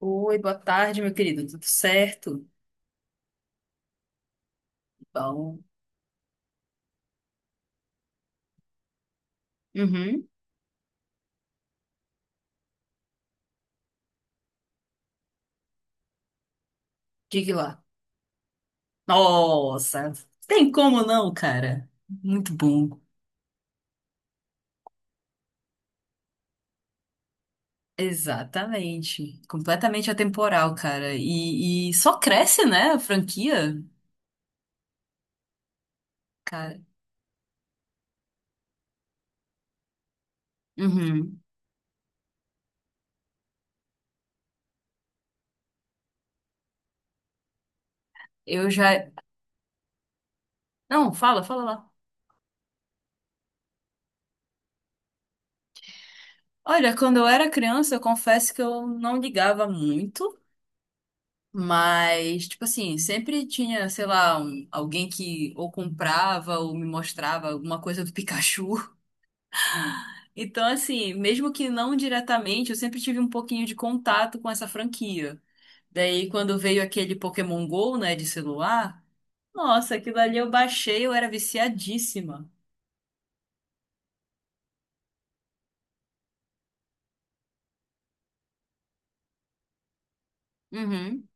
Oi, boa tarde, meu querido. Tudo certo? Bom. Uhum. Diga lá. Nossa, tem como não, cara? Muito bom. Exatamente. Completamente atemporal, cara. E só cresce, né, a franquia, cara. Uhum. Eu já. Não, fala, fala lá. Olha, quando eu era criança, eu confesso que eu não ligava muito. Mas, tipo assim, sempre tinha, sei lá, alguém que ou comprava ou me mostrava alguma coisa do Pikachu. Então, assim, mesmo que não diretamente, eu sempre tive um pouquinho de contato com essa franquia. Daí, quando veio aquele Pokémon Go, né, de celular, nossa, aquilo ali eu baixei, eu era viciadíssima. Uhum.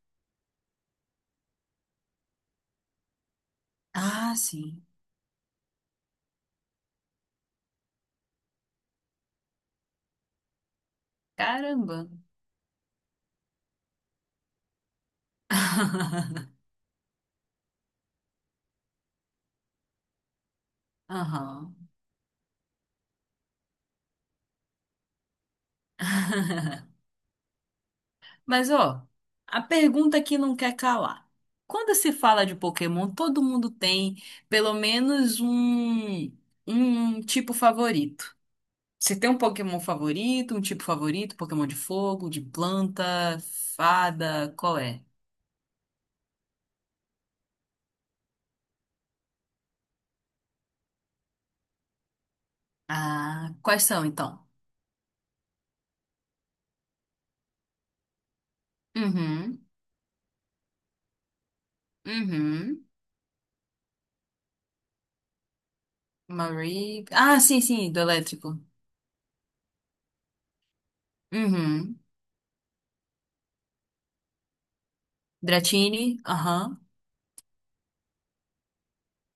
Ah, sim. Caramba. Aham. Mas, ó, a pergunta que não quer calar. Quando se fala de Pokémon, todo mundo tem pelo menos um tipo favorito. Você tem um Pokémon favorito, um tipo favorito, Pokémon de fogo, de planta, fada, qual é? Ah, quais são então? Uhum, uhum, Marie. Ah, sim, sim, do elétrico. Uhum. Dratini, aham.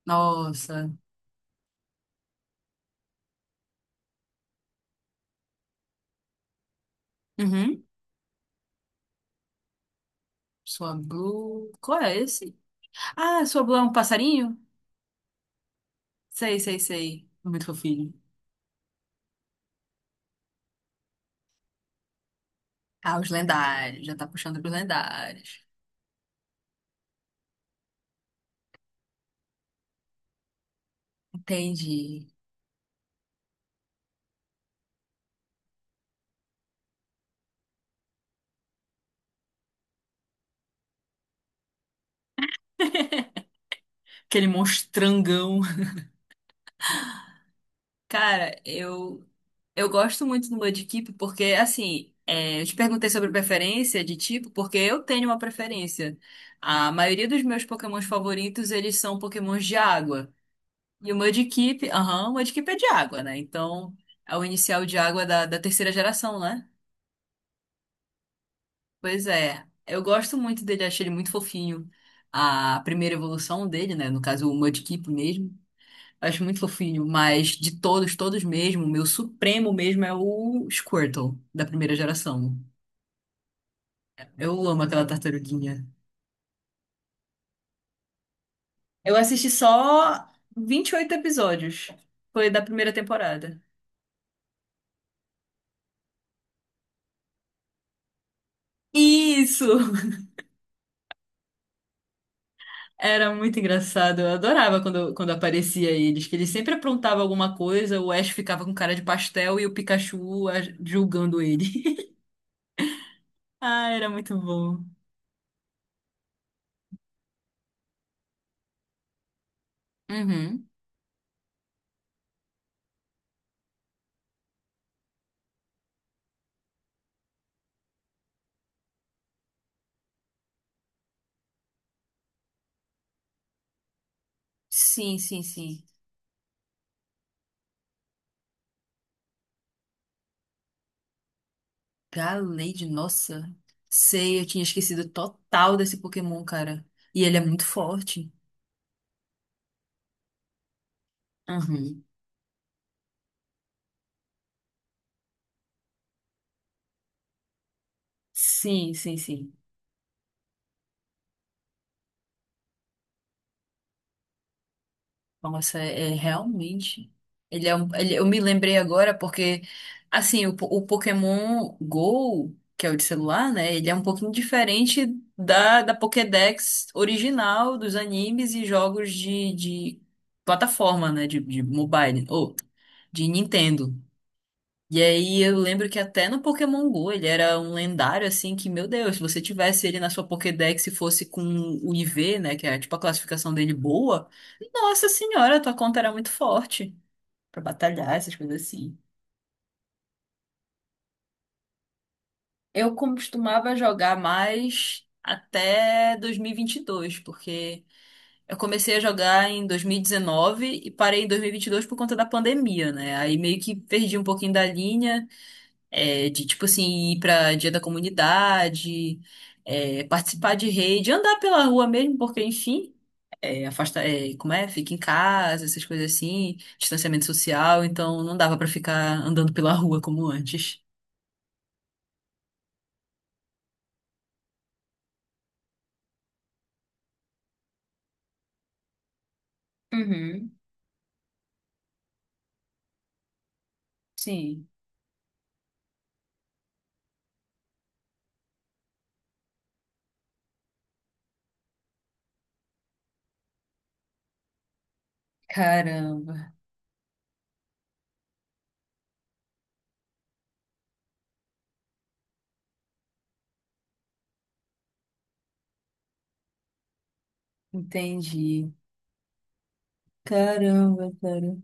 Nossa. Uhum. Sua Blue. Qual é esse? Ah, sua Blue é um passarinho? Sei, sei, sei. Muito fofinho. Ah, os lendários. Já tá puxando pros lendários. Entendi. Aquele monstrangão. Cara, eu gosto muito do Mudkip porque, assim, é, eu te perguntei sobre preferência de tipo, porque eu tenho uma preferência. A maioria dos meus Pokémons favoritos, eles são Pokémons de água. E o Mudkip, aham, o Mudkip é de água, né? Então, é o inicial de água da terceira geração, né? Pois é, eu gosto muito dele, achei ele muito fofinho. A primeira evolução dele, né? No caso, o Mudkip mesmo. Acho muito fofinho, mas de todos, todos mesmo, o meu supremo mesmo é o Squirtle, da primeira geração. Eu amo aquela tartaruguinha. Eu assisti só 28 episódios. Foi da primeira temporada. Isso! Era muito engraçado. Eu adorava quando aparecia eles, que eles sempre aprontavam alguma coisa, o Ash ficava com cara de pastel e o Pikachu ah, julgando ele. Ah, era muito bom. Uhum. Sim, sim, sim. Gallade, nossa. Sei, eu tinha esquecido total desse Pokémon, cara. E ele é muito forte. Uhum. Sim, sim, sim. Nossa, é realmente. Ele é um, ele- eu me lembrei agora porque, assim, o Pokémon Go, que é o de celular, né? Ele é um pouquinho diferente da Pokédex original dos animes e jogos de plataforma, né? De mobile, ou de Nintendo. E aí eu lembro que até no Pokémon Go ele era um lendário assim que, meu Deus, se você tivesse ele na sua Pokédex e fosse com o IV, né, que é tipo a classificação dele boa, nossa senhora, tua conta era muito forte pra batalhar, essas coisas assim. Eu costumava jogar mais até 2022, porque eu comecei a jogar em 2019 e dezenove e parei em 2022 por conta da pandemia, né? Aí meio que perdi um pouquinho da linha. É, de tipo assim, ir pra dia da comunidade, é, participar de rede, andar pela rua mesmo, porque enfim, é, afasta, é, como é? Fica em casa, essas coisas assim, distanciamento social, então não dava pra ficar andando pela rua como antes. Uhum. Sim. Caramba, entendi. Caramba, cara.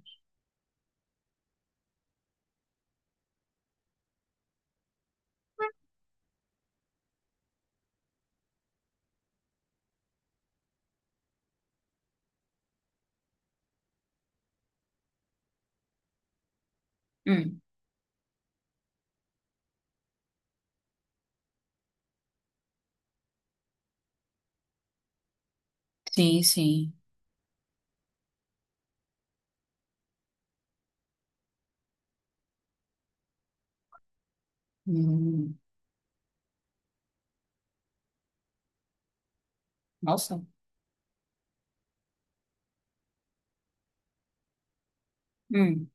Hum. Sim, sim. Hum. Nossa. Hum.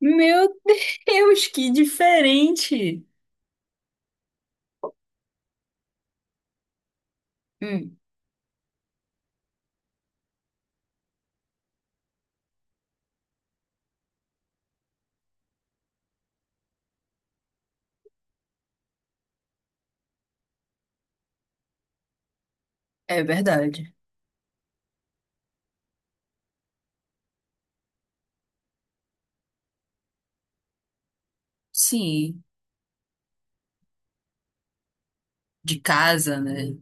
Meu Deus, que diferente! Hum. É verdade. Sim. De casa, né?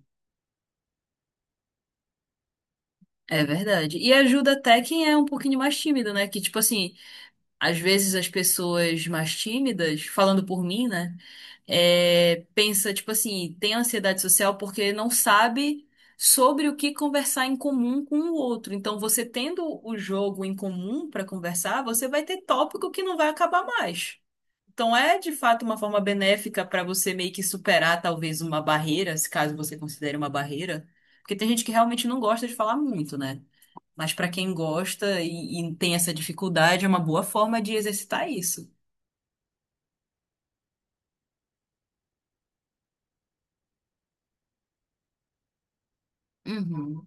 É verdade. E ajuda até quem é um pouquinho mais tímido, né? Que, tipo assim, às vezes as pessoas mais tímidas, falando por mim, né? É, pensa, tipo assim, tem ansiedade social porque não sabe sobre o que conversar em comum com o outro. Então, você tendo o jogo em comum para conversar, você vai ter tópico que não vai acabar mais. Então é de fato uma forma benéfica para você meio que superar talvez uma barreira, se caso você considere uma barreira, porque tem gente que realmente não gosta de falar muito, né? Mas para quem gosta e tem essa dificuldade, é uma boa forma de exercitar isso. Uhum.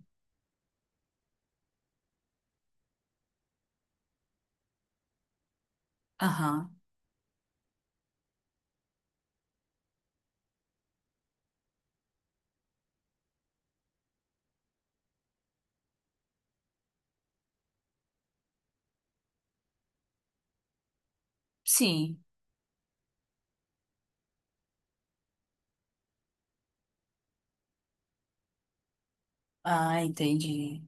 Aham. Sim. Ah, entendi.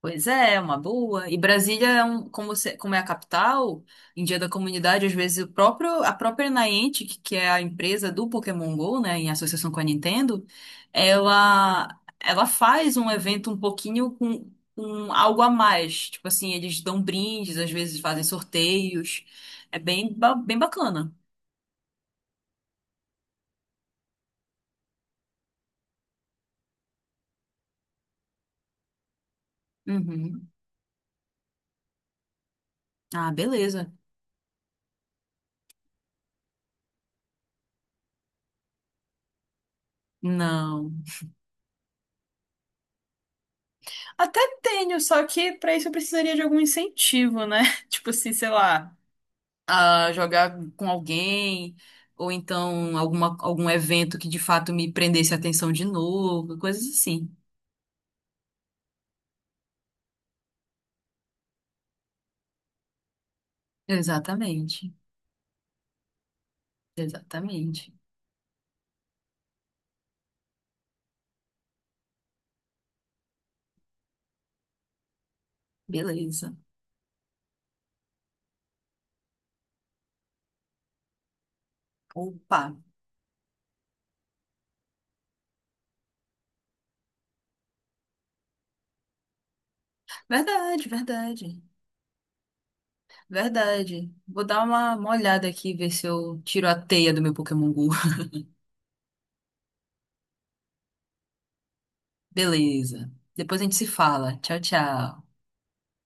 Pois é. É uma boa. E Brasília é um, como, como é a capital, em Dia da Comunidade, às vezes o próprio, a própria Niantic, que é a empresa do Pokémon Go, né, em associação com a Nintendo, ela, ela faz um evento um pouquinho com algo a mais. Tipo assim, eles dão brindes, às vezes fazem sorteios. É bem bacana. Uhum. Ah, beleza. Não. Até tenho, só que para isso eu precisaria de algum incentivo, né? Tipo assim, sei lá. A jogar com alguém, ou então alguma, algum evento que de fato me prendesse a atenção de novo, coisas assim. Exatamente, exatamente. Beleza. Opa, verdade, verdade, verdade. Vou dar uma olhada aqui, ver se eu tiro a teia do meu Pokémon Go. Beleza. Depois a gente se fala. Tchau, tchau.